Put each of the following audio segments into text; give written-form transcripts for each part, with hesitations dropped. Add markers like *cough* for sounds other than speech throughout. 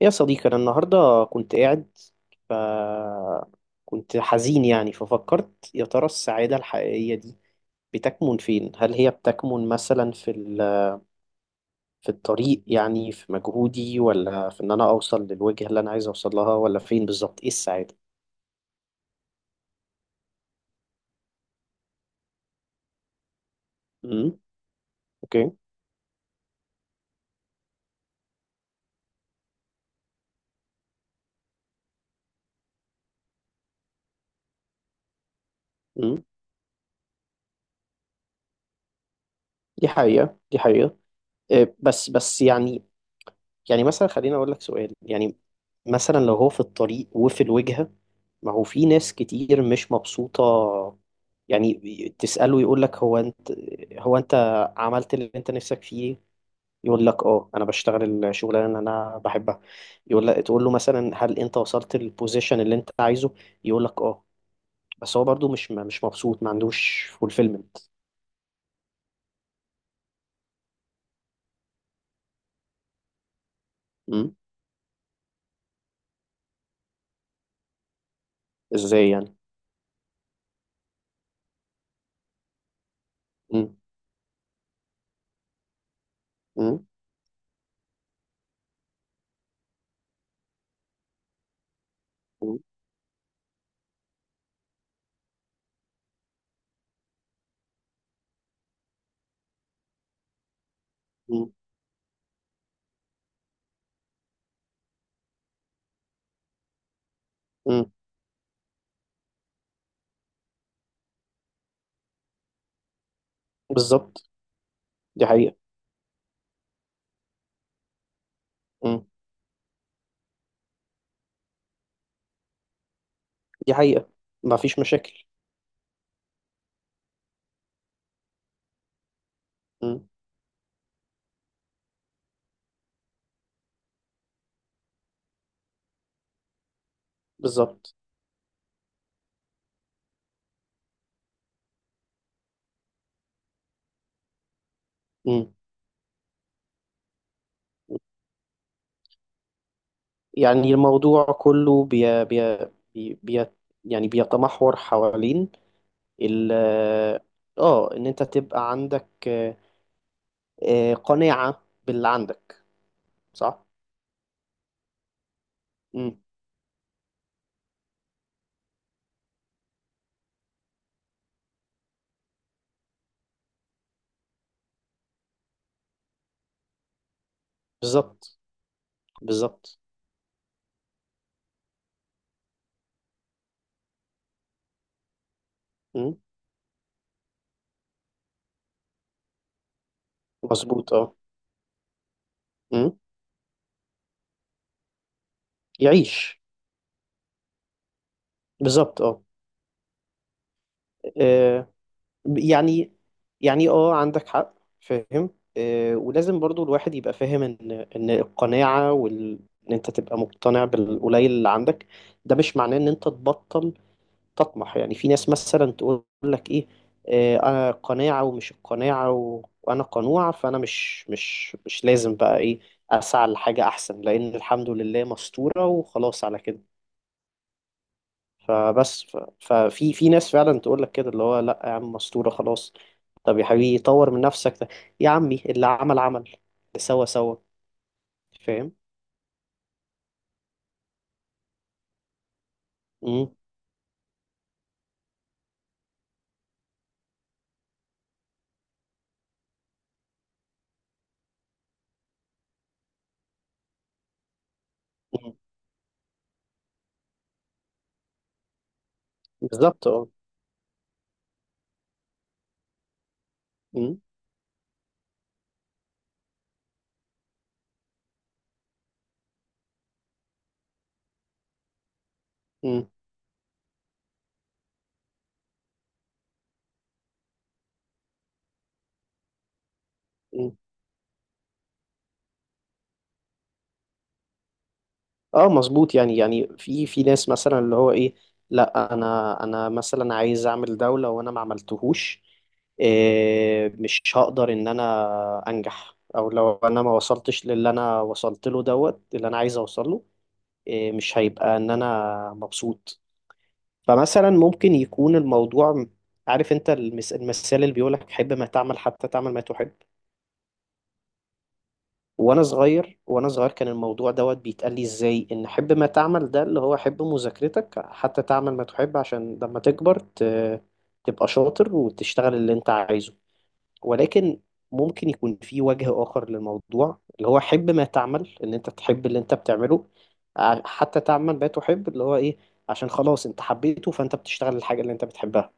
يا صديقي، أنا النهاردة كنت قاعد، ف كنت حزين. يعني ففكرت، يا ترى السعادة الحقيقية دي بتكمن فين؟ هل هي بتكمن مثلا في الطريق؟ يعني في مجهودي، ولا في إن أنا أوصل للوجهة اللي أنا عايز أوصل لها، ولا فين بالظبط؟ إيه السعادة؟ امم. أوكي. امم. دي حقيقة، دي حقيقة. إيه، بس يعني. يعني مثلا خليني اقول لك سؤال، يعني مثلا لو هو في الطريق وفي الوجهة، ما هو في ناس كتير مش مبسوطة يعني. تسأله يقول لك، هو انت عملت اللي انت نفسك فيه؟ يقول لك اه، انا بشتغل الشغلانه اللي انا بحبها. يقول لك، تقول له مثلا هل انت وصلت للبوزيشن اللي انت عايزه؟ يقول لك اه، بس هو برضو مش مبسوط، ما عندوش فولفيلمنت. ازاي يعني؟ مم. مم. مم. مم. مم. بالظبط، دي حقيقة، دي حقيقة، ما فيش مشاكل. مم. بالظبط. مم. يعني الموضوع كله بي بي بي بي يعني بيتمحور حوالين ال اه ان انت تبقى عندك قناعة باللي عندك، صح؟ مم. بالظبط. بالظبط. مم. مظبوط. اه. مم. يعيش. بالظبط. اه. آه، يعني يعني اه، عندك حق، فاهم. ولازم برضو الواحد يبقى فاهم ان القناعة ان انت تبقى مقتنع بالقليل اللي عندك، ده مش معناه ان انت تبطل تطمح. يعني في ناس مثلا تقول لك ايه، انا قناعة، ومش القناعة وانا قنوع، فانا مش لازم بقى ايه، اسعى لحاجة احسن، لان الحمد لله مستورة وخلاص على كده. فبس ففي ناس فعلا تقول لك كده، اللي هو لا يا عم مستورة خلاص، طب يا حبيبي طور من نفسك ده، يا عمي اللي عمل اللي سوى، فاهم. مم. مم. بالظبط اه. مم. مم. مم. اه مظبوط. يعني في ناس مثلا اللي هو ايه، لا انا مثلا عايز اعمل دولة وانا ما عملتهوش، إيه مش هقدر ان انا انجح، او لو انا ما وصلتش للي انا وصلت له دوت اللي انا عايز اوصله، إيه، مش هيبقى ان انا مبسوط. فمثلا ممكن يكون الموضوع، عارف انت المثال اللي بيقولك حب ما تعمل حتى تعمل ما تحب. وانا صغير كان الموضوع دوت بيتقال لي ازاي، ان حب ما تعمل ده اللي هو حب مذاكرتك حتى تعمل ما تحب، عشان لما تكبر تبقى شاطر وتشتغل اللي انت عايزه. ولكن ممكن يكون في وجه آخر للموضوع، اللي هو حب ما تعمل ان انت تحب اللي انت بتعمله، حتى تعمل ما تحب، اللي هو ايه، عشان خلاص انت حبيته فانت بتشتغل الحاجة اللي انت بتحبها.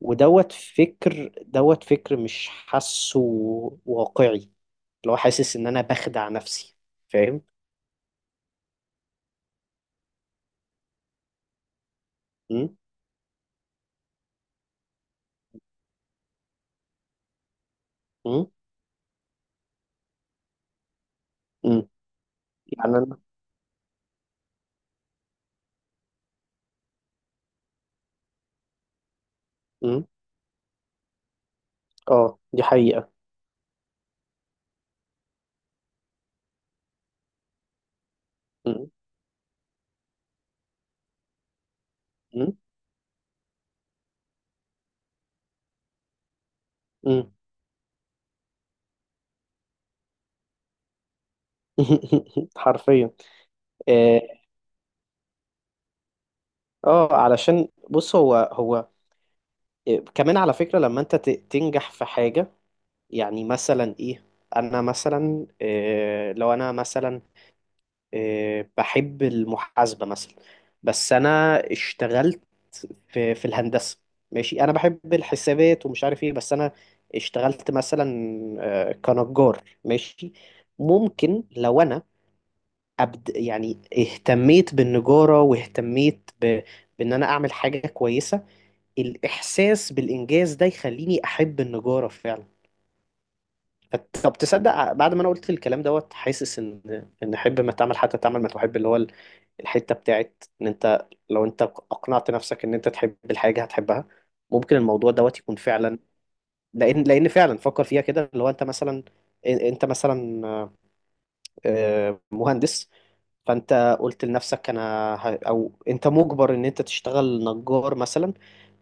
ودوت فكر مش حاسه واقعي، اللي هو حاسس ان انا بخدع نفسي، فاهم. امم. امم. امم. يعني انا. امم. اه، دي حقيقة. امم. امم. *laughs* حرفيا. اه. علشان بص هو، إيه، كمان على فكرة لما انت تنجح في حاجة، يعني مثلا ايه، انا مثلا إيه، لو انا مثلا إيه بحب المحاسبة مثلا، بس انا اشتغلت في الهندسة. ماشي، انا بحب الحسابات ومش عارف ايه، بس انا اشتغلت مثلا كنجار، ماشي. ممكن لو انا أبد، يعني اهتميت بالنجارة واهتميت بان انا اعمل حاجة كويسة، الإحساس بالإنجاز ده يخليني أحب النجارة فعلا. طب تصدق، بعد ما أنا قلت الكلام دوت حاسس إن حب ما تعمل حتى تعمل ما تحب، اللي هو الحتة بتاعت إن أنت لو أنت أقنعت نفسك إن أنت تحب الحاجة هتحبها، ممكن الموضوع دوت يكون فعلا. لأن فعلا فكر فيها كده، اللي هو أنت مثلا، أنت مثلا مهندس، فانت قلت لنفسك انا او انت مجبر ان انت تشتغل نجار مثلا،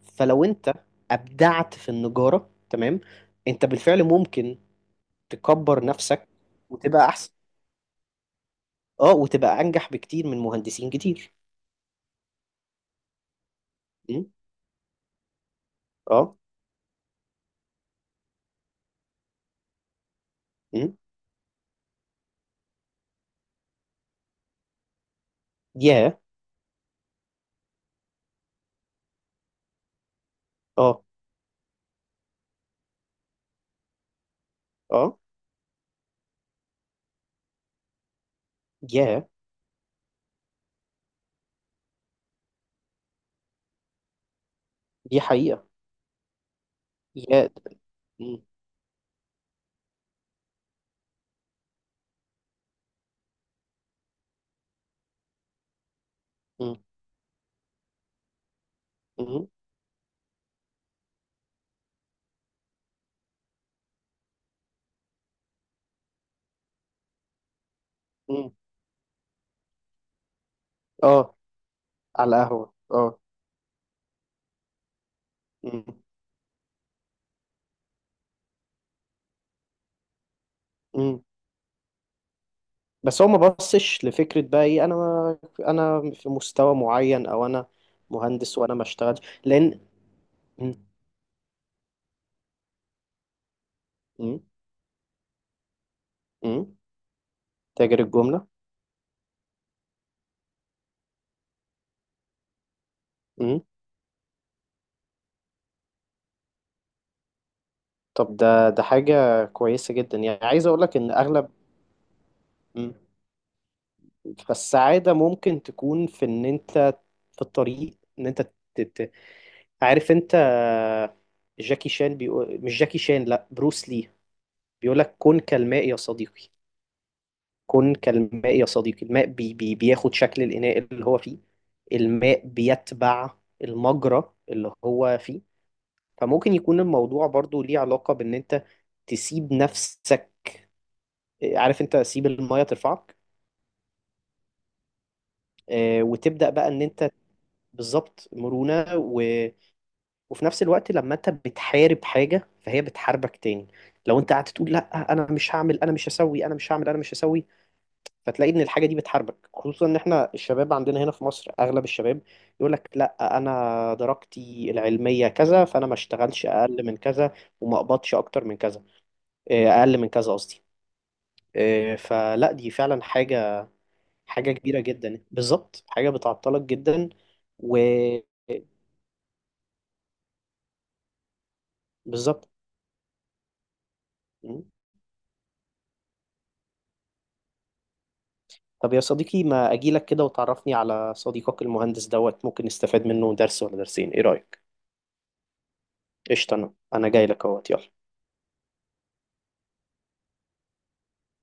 فلو انت ابدعت في النجارة تمام، انت بالفعل ممكن تكبر نفسك وتبقى احسن، اه وتبقى انجح بكتير من مهندسين كتير. م? اه. م? ياه. اه. اه. ياه. دي حقيقة. يا. م- م- م- م. اه، على القهوة اه. م- م. بس هو ما بصش لفكرة بقى، ايه انا في مستوى معين، او انا مهندس وانا ما اشتغلش لان. مم. مم. مم. تاجر الجملة. مم. طب ده حاجة كويسة جدا، يعني عايز اقول لك ان اغلب. مم. فالسعادة ممكن تكون في ان انت في الطريق، ان انت ت- ت- عارف انت، جاكي شان بيقول، مش جاكي شان، لا بروس لي بيقول لك، كن كالماء يا صديقي. كن كالماء يا صديقي، الماء بي بي بياخد شكل الإناء اللي هو فيه، الماء بيتبع المجرى اللي هو فيه. فممكن يكون الموضوع برضو ليه علاقة بإن أنت تسيب نفسك، عارف أنت، سيب المية ترفعك، وتبدأ بقى إن أنت. بالظبط، مرونة وفي نفس الوقت لما أنت بتحارب حاجة فهي بتحاربك تاني، لو أنت قعدت تقول لا أنا مش هعمل أنا مش هسوي أنا مش هعمل أنا مش هسوي، فتلاقي ان الحاجه دي بتحاربك، خصوصا ان احنا الشباب عندنا هنا في مصر، اغلب الشباب يقول لك لا انا درجتي العلميه كذا فانا ما اشتغلش اقل من كذا، وما اقبضش اكتر من كذا، اقل من كذا قصدي، فلا دي فعلا حاجه، حاجه كبيره جدا، بالظبط حاجه بتعطلك جدا. و بالظبط. م. طب يا صديقي ما اجيلك كده وتعرفني على صديقك المهندس دوت، ممكن نستفاد منه درس ولا درسين، ايه رايك؟ قشطه، انا جاي لك اهوت، يلا.